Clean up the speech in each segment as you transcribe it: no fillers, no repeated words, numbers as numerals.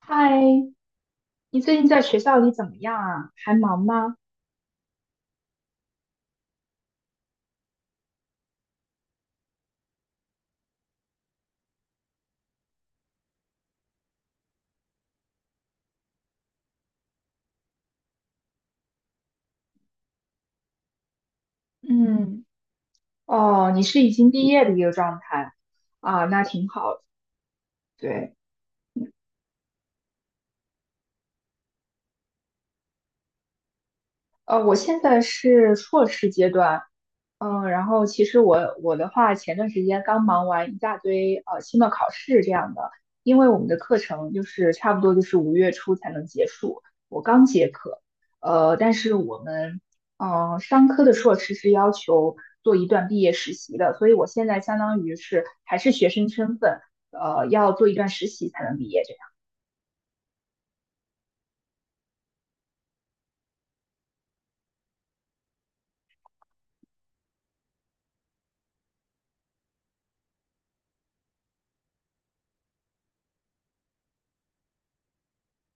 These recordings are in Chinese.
嗨，你最近在学校里怎么样啊？还忙吗？嗯，哦，你是已经毕业的一个状态啊，那挺好的。对，我现在是硕士阶段，嗯，然后其实我的话，前段时间刚忙完一大堆期末考试这样的，因为我们的课程就是差不多就是5月初才能结束，我刚结课，呃，但是我们商科的硕士是要求做一段毕业实习的，所以我现在相当于是还是学生身份，呃，要做一段实习才能毕业这样。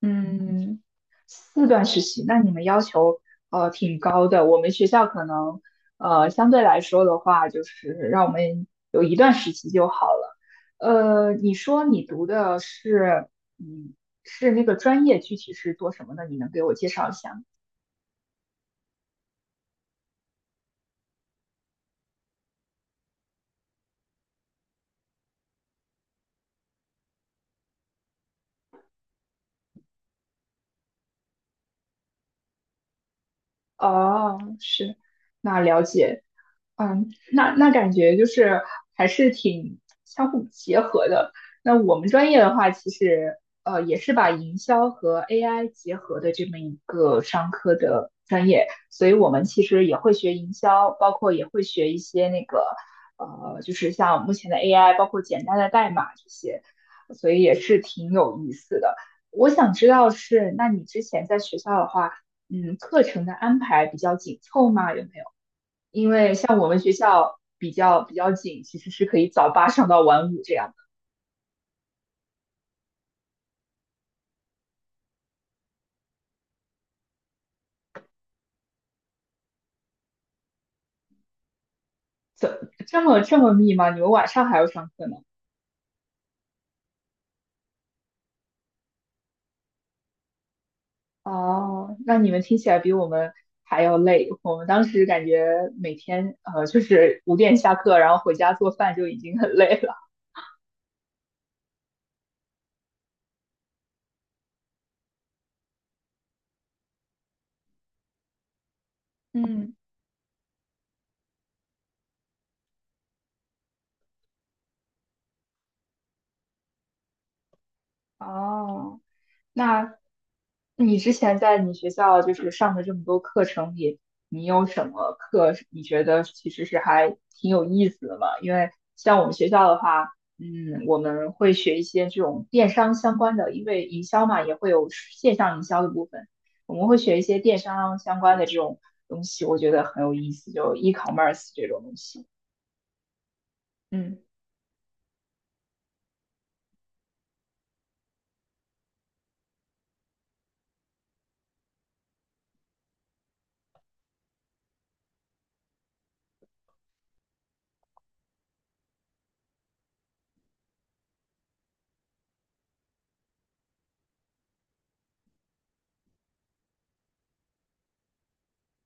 嗯，四段实习，那你们要求挺高的。我们学校可能相对来说的话，就是让我们有一段实习就好了。呃，你说你读的是嗯是那个专业，具体是做什么的？你能给我介绍一下吗？哦，是，那了解，嗯，那那感觉就是还是挺相互结合的。那我们专业的话，其实也是把营销和 AI 结合的这么一个商科的专业，所以我们其实也会学营销，包括也会学一些那个呃，就是像目前的 AI，包括简单的代码这些，所以也是挺有意思的。我想知道是，那你之前在学校的话。嗯，课程的安排比较紧凑吗？有没有？因为像我们学校比较紧，其实是可以早8上到晚5这样的。怎这么密吗？你们晚上还要上课呢？哦，那你们听起来比我们还要累。我们当时感觉每天就是5点下课，然后回家做饭就已经很累了。嗯，哦，那你之前在你学校就是上的这么多课程里，你有什么课是你觉得其实是还挺有意思的嘛？因为像我们学校的话，嗯，我们会学一些这种电商相关的，因为营销嘛，也会有线上营销的部分，我们会学一些电商相关的这种东西，我觉得很有意思，就 e-commerce 这种东西。嗯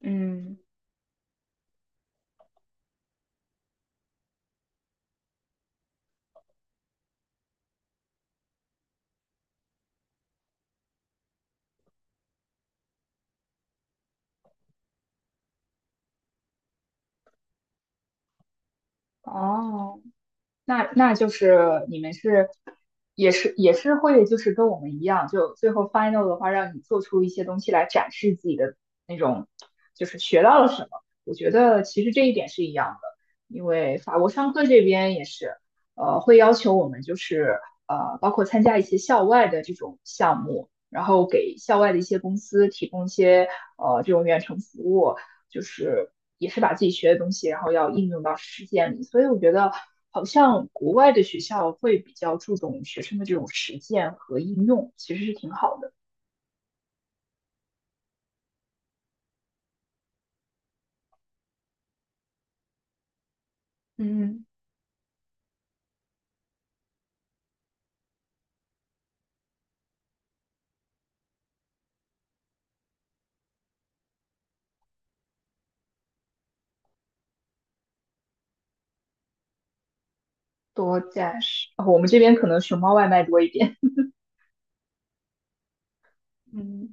嗯，哦，那那就是你们是也是会就是跟我们一样，就最后 final 的话，让你做出一些东西来展示自己的那种，就是学到了什么。我觉得其实这一点是一样的，因为法国商科这边也是，呃，会要求我们就是呃，包括参加一些校外的这种项目，然后给校外的一些公司提供一些这种远程服务，就是也是把自己学的东西，然后要应用到实践里。所以我觉得好像国外的学校会比较注重学生的这种实践和应用，其实是挺好的。嗯，多加是，我们这边可能熊猫外卖多一点。嗯。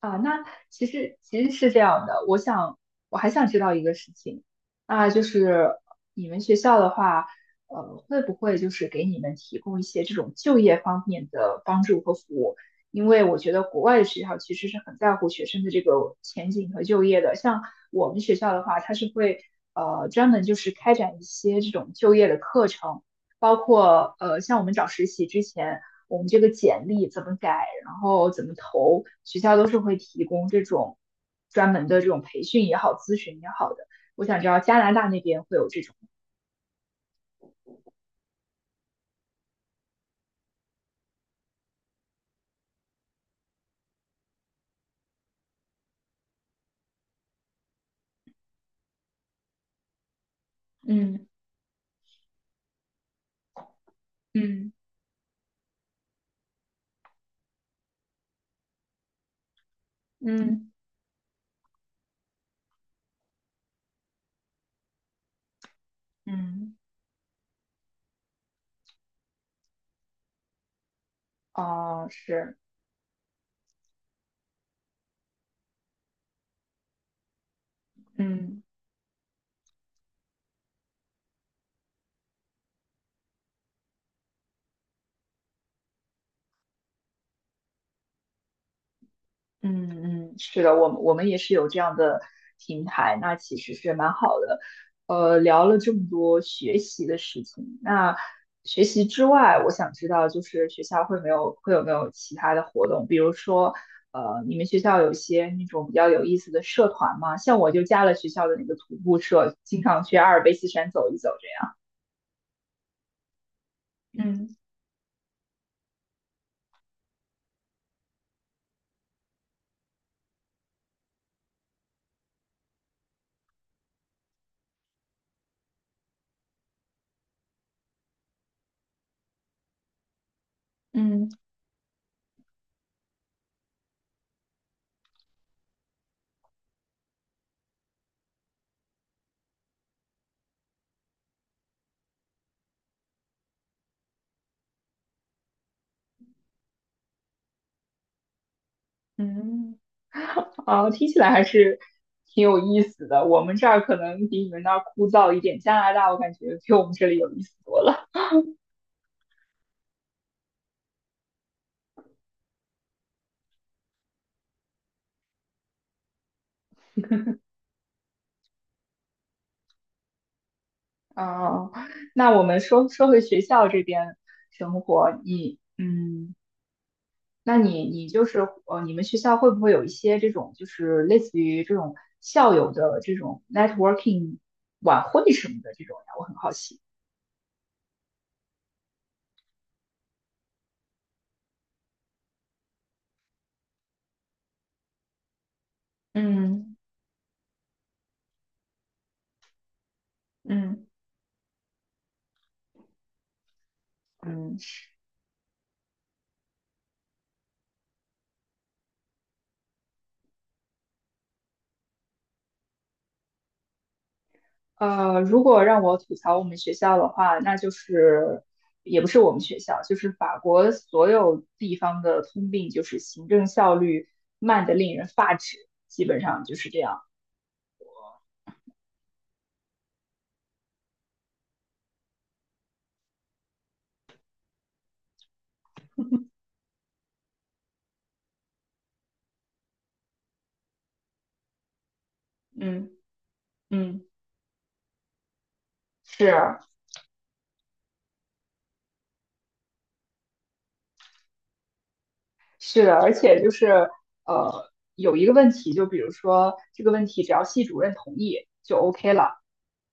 啊，那其实是这样的，我想我还想知道一个事情，那就是你们学校的话，呃，会不会就是给你们提供一些这种就业方面的帮助和服务？因为我觉得国外的学校其实是很在乎学生的这个前景和就业的，像我们学校的话，它是会专门就是开展一些这种就业的课程。包括呃，像我们找实习之前，我们这个简历怎么改，然后怎么投，学校都是会提供这种专门的这种培训也好、咨询也好的。我想知道加拿大那边会有这种，嗯嗯嗯嗯，哦，是，嗯。嗯嗯，是的，我们也是有这样的平台，那其实是蛮好的。呃，聊了这么多学习的事情，那学习之外，我想知道就是学校会没有会有没有其他的活动，比如说，呃，你们学校有一些那种比较有意思的社团吗？像我就加了学校的那个徒步社，经常去阿尔卑斯山走一走这样。嗯嗯嗯。啊，听起来还是挺有意思的。我们这儿可能比你们那儿枯燥一点，加拿大我感觉比我们这里有意思多了。啊，那我们说回学校这边生活，你嗯，那你就是呃，你们学校会不会有一些这种就是类似于这种校友的这种 networking 晚会什么的这种呀？我很好奇。嗯嗯，嗯如果让我吐槽我们学校的话，那就是也不是我们学校，就是法国所有地方的通病，就是行政效率慢得令人发指，基本上就是这样。嗯嗯是是的，而且就是呃，有一个问题，就比如说这个问题，只要系主任同意就 OK 了。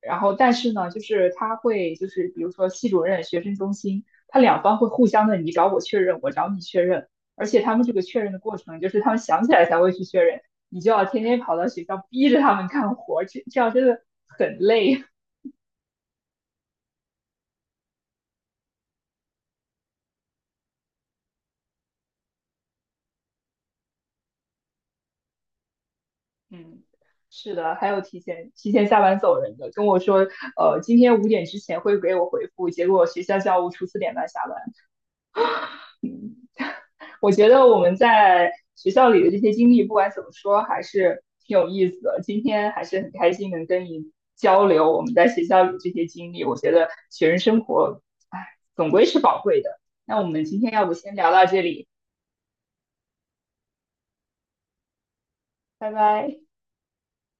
然后但是呢，就是他会就是比如说系主任、学生中心，他两方会互相的你找我确认，我找你确认，而且他们这个确认的过程，就是他们想起来才会去确认，你就要天天跑到学校逼着他们干活，这样真的很累。嗯，是的，还有提前下班走人的，跟我说，呃，今天5点之前会给我回复，结果学校教务处4点半下班，我觉得我们在学校里的这些经历，不管怎么说，还是挺有意思的。今天还是很开心能跟你交流我们在学校里这些经历。我觉得学生生活，哎，总归是宝贵的。那我们今天要不先聊到这里，拜拜。